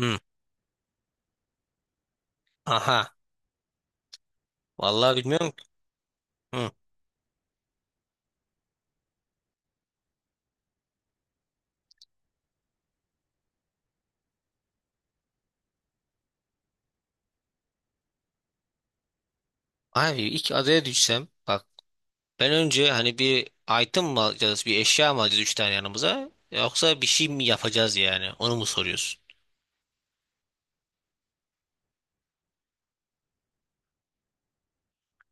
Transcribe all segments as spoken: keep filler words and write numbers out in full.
Hı. Aha. Vallahi bilmiyorum ki. Hı. Abi ilk adaya düşsem bak ben önce hani bir item mı alacağız bir eşya mı alacağız üç tane yanımıza yoksa bir şey mi yapacağız yani onu mu soruyorsun?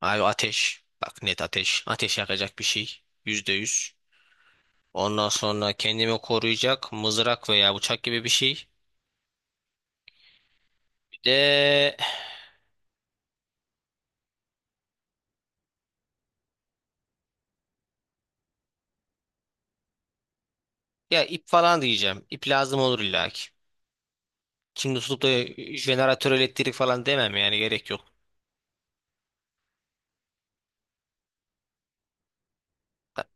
Abi ateş bak net ateş ateş yakacak bir şey yüzde yüz, ondan sonra kendimi koruyacak mızrak veya bıçak gibi bir şey, bir de ya ip falan diyeceğim, ip lazım olur illaki. Şimdi tutup da jeneratör elektrik falan demem, yani gerek yok.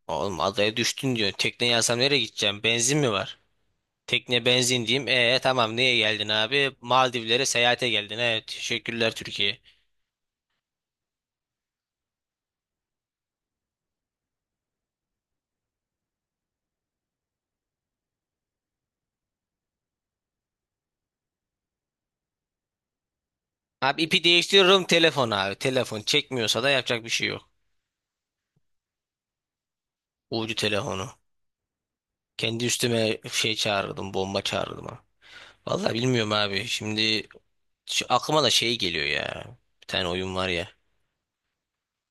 Oğlum adaya düştün diyor. Tekne yazsam nereye gideceğim? Benzin mi var? Tekne benzin diyeyim. E tamam niye geldin abi? Maldivlere seyahate geldin. Evet teşekkürler Türkiye. Abi ipi değiştiriyorum telefon abi. Telefon çekmiyorsa da yapacak bir şey yok. Ucu telefonu. Kendi üstüme şey çağırdım. Bomba çağırdım ha. Vallahi bilmiyorum abi. Şimdi şu aklıma da şey geliyor ya. Bir tane oyun var ya.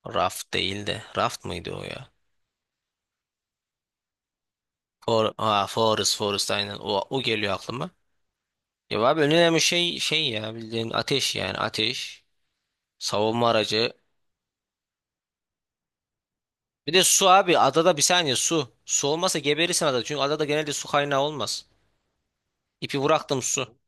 Raft değil de. Raft mıydı o ya? For, ha, Forest, Forest aynen. O, o geliyor aklıma. Ya abi en önemli şey şey ya, bildiğin ateş, yani ateş, savunma aracı. Bir de su abi, adada bir saniye, su. Su olmasa geberirsin adada, çünkü adada genelde su kaynağı olmaz. İpi bıraktım, su.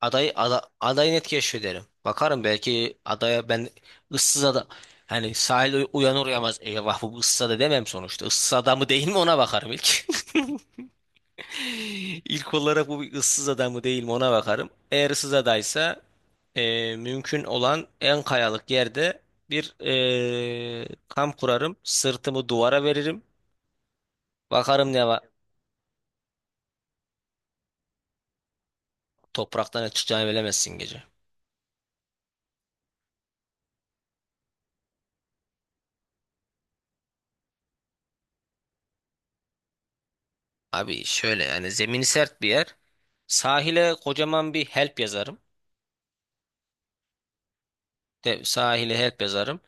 Adayı ada, adayı net keşfederim. Bakarım belki adaya ben, ıssız ada hani sahil uyanır uyanmaz eyvah bu ıssız ada demem sonuçta. Issız ada mı değil mi ona bakarım ilk. İlk olarak bu bir ıssız ada mı değil mi ona bakarım. Eğer ıssız adaysa e, mümkün olan en kayalık yerde bir e, kamp kurarım. Sırtımı duvara veririm. Bakarım ne var. Topraktan ne çıkacağını bilemezsin gece. Abi şöyle, yani zemini sert bir yer. Sahile kocaman bir help yazarım. De, sahile help yazarım.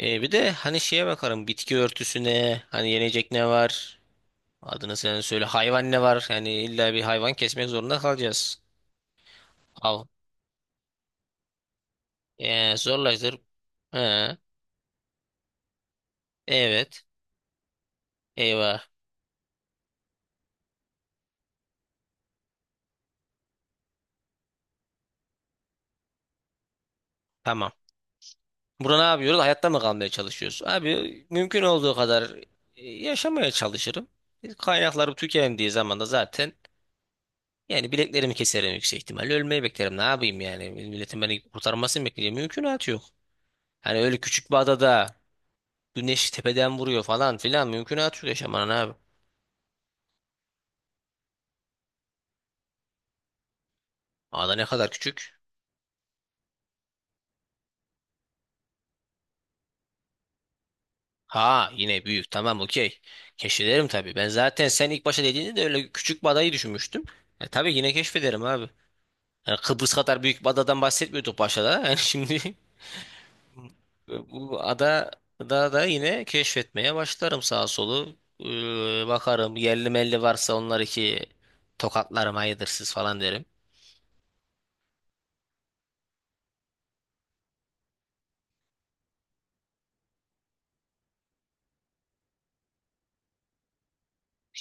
E, bir de hani şeye bakarım, bitki örtüsüne, hani yenecek ne var. Adını sen söyle, hayvan ne var. Yani illa bir hayvan kesmek zorunda kalacağız. Al. Ee, zorlaştır. He, evet. Eyvah. Tamam. Burada ne yapıyoruz? Hayatta mı kalmaya çalışıyoruz? Abi mümkün olduğu kadar e, yaşamaya çalışırım. Kaynaklarım tükendiği zaman da zaten yani bileklerimi keserim yüksek ihtimalle. Ölmeyi beklerim. Ne yapayım yani? Milletin beni kurtarmasını bekleyeceğim. Mümkünatı yok. Hani öyle küçük bir adada güneş tepeden vuruyor falan filan. Mümkünatı yok yaşamanın abi. Ada ne kadar küçük. Ha yine büyük, tamam, okey. Keşfederim tabii. Ben zaten sen ilk başta dediğinde de öyle küçük badayı düşünmüştüm. E, tabii yine keşfederim abi. Yani Kıbrıs kadar büyük bir adadan bahsetmiyorduk başta da. Yani şimdi bu ada da da yine keşfetmeye başlarım sağa solu. Ee, bakarım yerli melli varsa onlar iki tokatlarım hayırdır siz falan derim.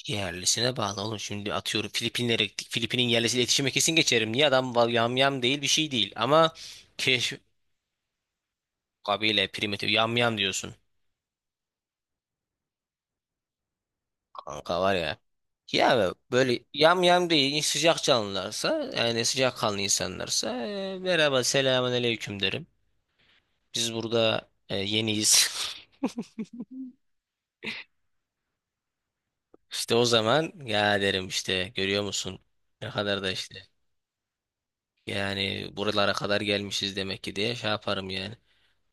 Yerlisine bağlı oğlum, şimdi atıyorum Filipinlere gittik. Filipin'in yerlisiyle iletişime kesin geçerim. Niye, adam yamyam değil, bir şey değil. Ama keşf Kabile primitif yam yam diyorsun. Kanka var ya. Ya böyle yam yam değil, sıcak canlılarsa, yani sıcak kanlı insanlarsa e, merhaba selamun aleyküm derim. Biz burada e, yeniyiz. İşte o zaman ya derim, işte görüyor musun ne kadar da işte, yani buralara kadar gelmişiz demek ki diye şey yaparım yani.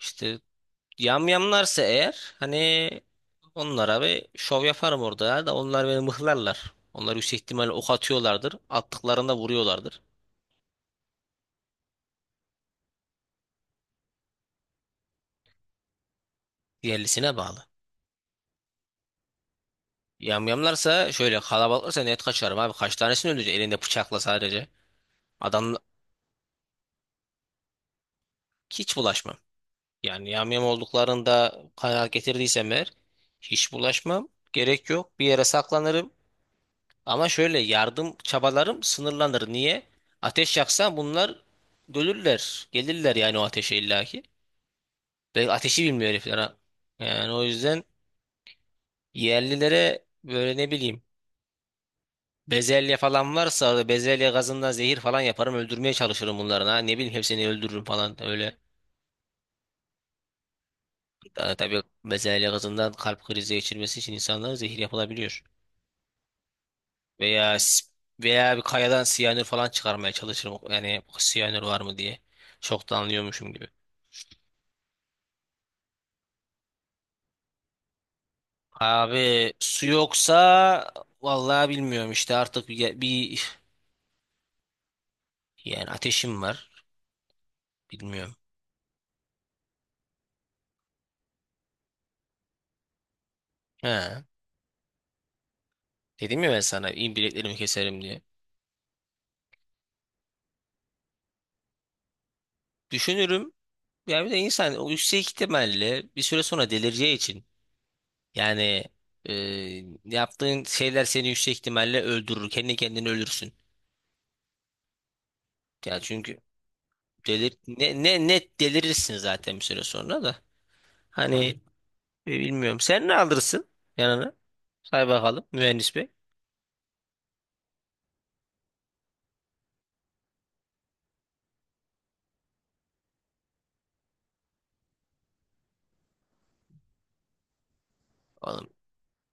İşte yamyamlarsa eğer, hani onlara bir şov yaparım orada, ya da onlar beni mıhlarlar. Onlar yüksek ihtimalle ok atıyorlardır. Attıklarında vuruyorlardır. Diğerlisine bağlı. Yamyamlarsa, şöyle kalabalıklarsa net kaçarım abi. Kaç tanesini öldürecek elinde bıçakla sadece. Adam, hiç bulaşmam. Yani yamyam olduklarında kanaat getirdiysem eğer hiç bulaşmam. Gerek yok. Bir yere saklanırım. Ama şöyle yardım çabalarım sınırlanır. Niye? Ateş yaksan bunlar dölürler. Gelirler yani o ateşe illaki. Ve ateşi bilmiyor herifler ha. Yani o yüzden yerlilere böyle ne bileyim, bezelye falan varsa orada bezelye gazından zehir falan yaparım, öldürmeye çalışırım bunların ha. Ne bileyim hepsini öldürürüm falan öyle. Ta- Tabii bezelye gazından kalp krizi geçirmesi için insanlara zehir yapılabiliyor. Veya s- veya bir kayadan siyanür falan çıkarmaya çalışırım. Yani siyanür var mı diye. Çok da anlıyormuşum gibi. Abi su yoksa vallahi bilmiyorum işte artık bir, bir- yani ateşim var, bilmiyorum. He. Dedim ya ben sana, iyi, bileklerimi keserim diye. Düşünürüm. Yani bir de insan o yüksek ihtimalle bir süre sonra delireceği için yani, e, yaptığın şeyler seni yüksek ihtimalle öldürür. Kendi kendini ölürsün. Yani çünkü delir ne, ne net delirirsin zaten bir süre sonra da. Hani e, bilmiyorum. Sen ne alırsın yanına? Say bakalım mühendis bey.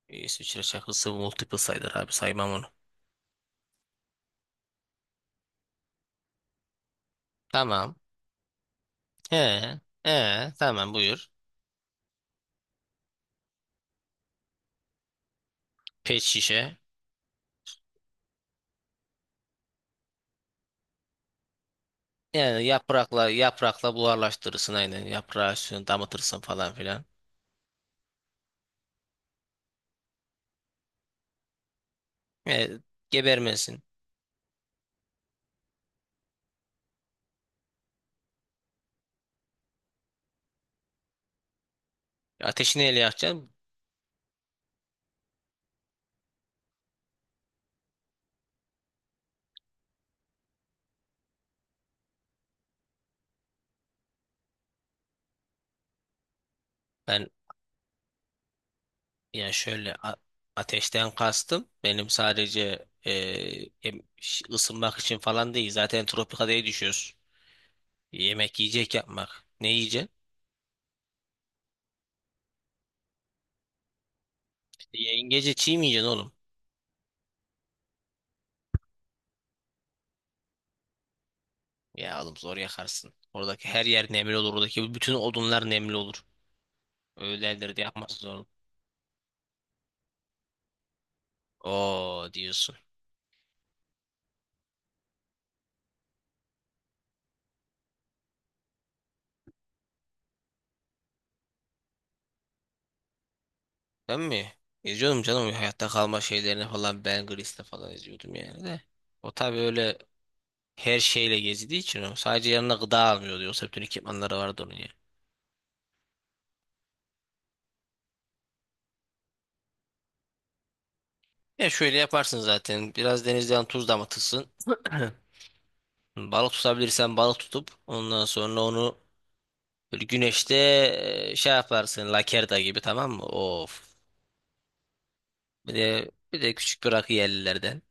İsviçre şakası multiple sayılır abi, saymam onu. Tamam. He. He. Tamam buyur. Pet şişe. Yani yaprakla yaprakla buharlaştırırsın aynen. Yaprağı üstüne damıtırsın falan filan. E, gebermesin. Ateşi neyle yakacaksın? Ben, yani şöyle, a- ateşten kastım. Benim sadece e, em- ş- ısınmak için falan değil. Zaten tropikadaya düşüyoruz. Yemek yiyecek yapmak. Ne yiyeceksin? İşte yengece çiğ mi yiyeceksin oğlum? Ya oğlum zor yakarsın. Oradaki her yer nemli olur. Oradaki bütün odunlar nemli olur. Öyledir de yapması zor. Oo diyorsun. Ben mi? İzliyordum canım, hayatta kalma şeylerini falan, Ben Gris'te falan izliyordum yani de. O tabii öyle her şeyle gezdiği için, o sadece yanına gıda almıyordu. Yoksa bütün ekipmanları vardı onun ya. Ya şöyle yaparsın zaten. Biraz denizden tuz damıtırsın. Balık tutabilirsen balık tutup ondan sonra onu böyle güneşte e, şey yaparsın, lakerda gibi, tamam mı? Of. Bir de bir de küçük bir rakı yerlilerden.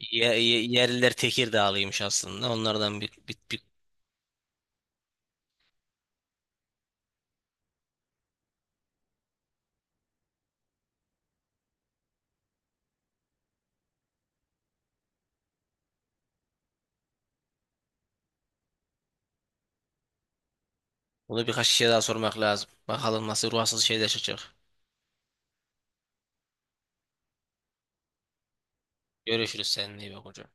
Ye, ye- yerliler Tekirdağlıymış aslında. Onlardan bir, bir, bir, bunu birkaç şey daha sormak lazım. Bakalım nasıl ruhsuz şeyler çıkacak. Görüşürüz seninle, iyi bak hocam.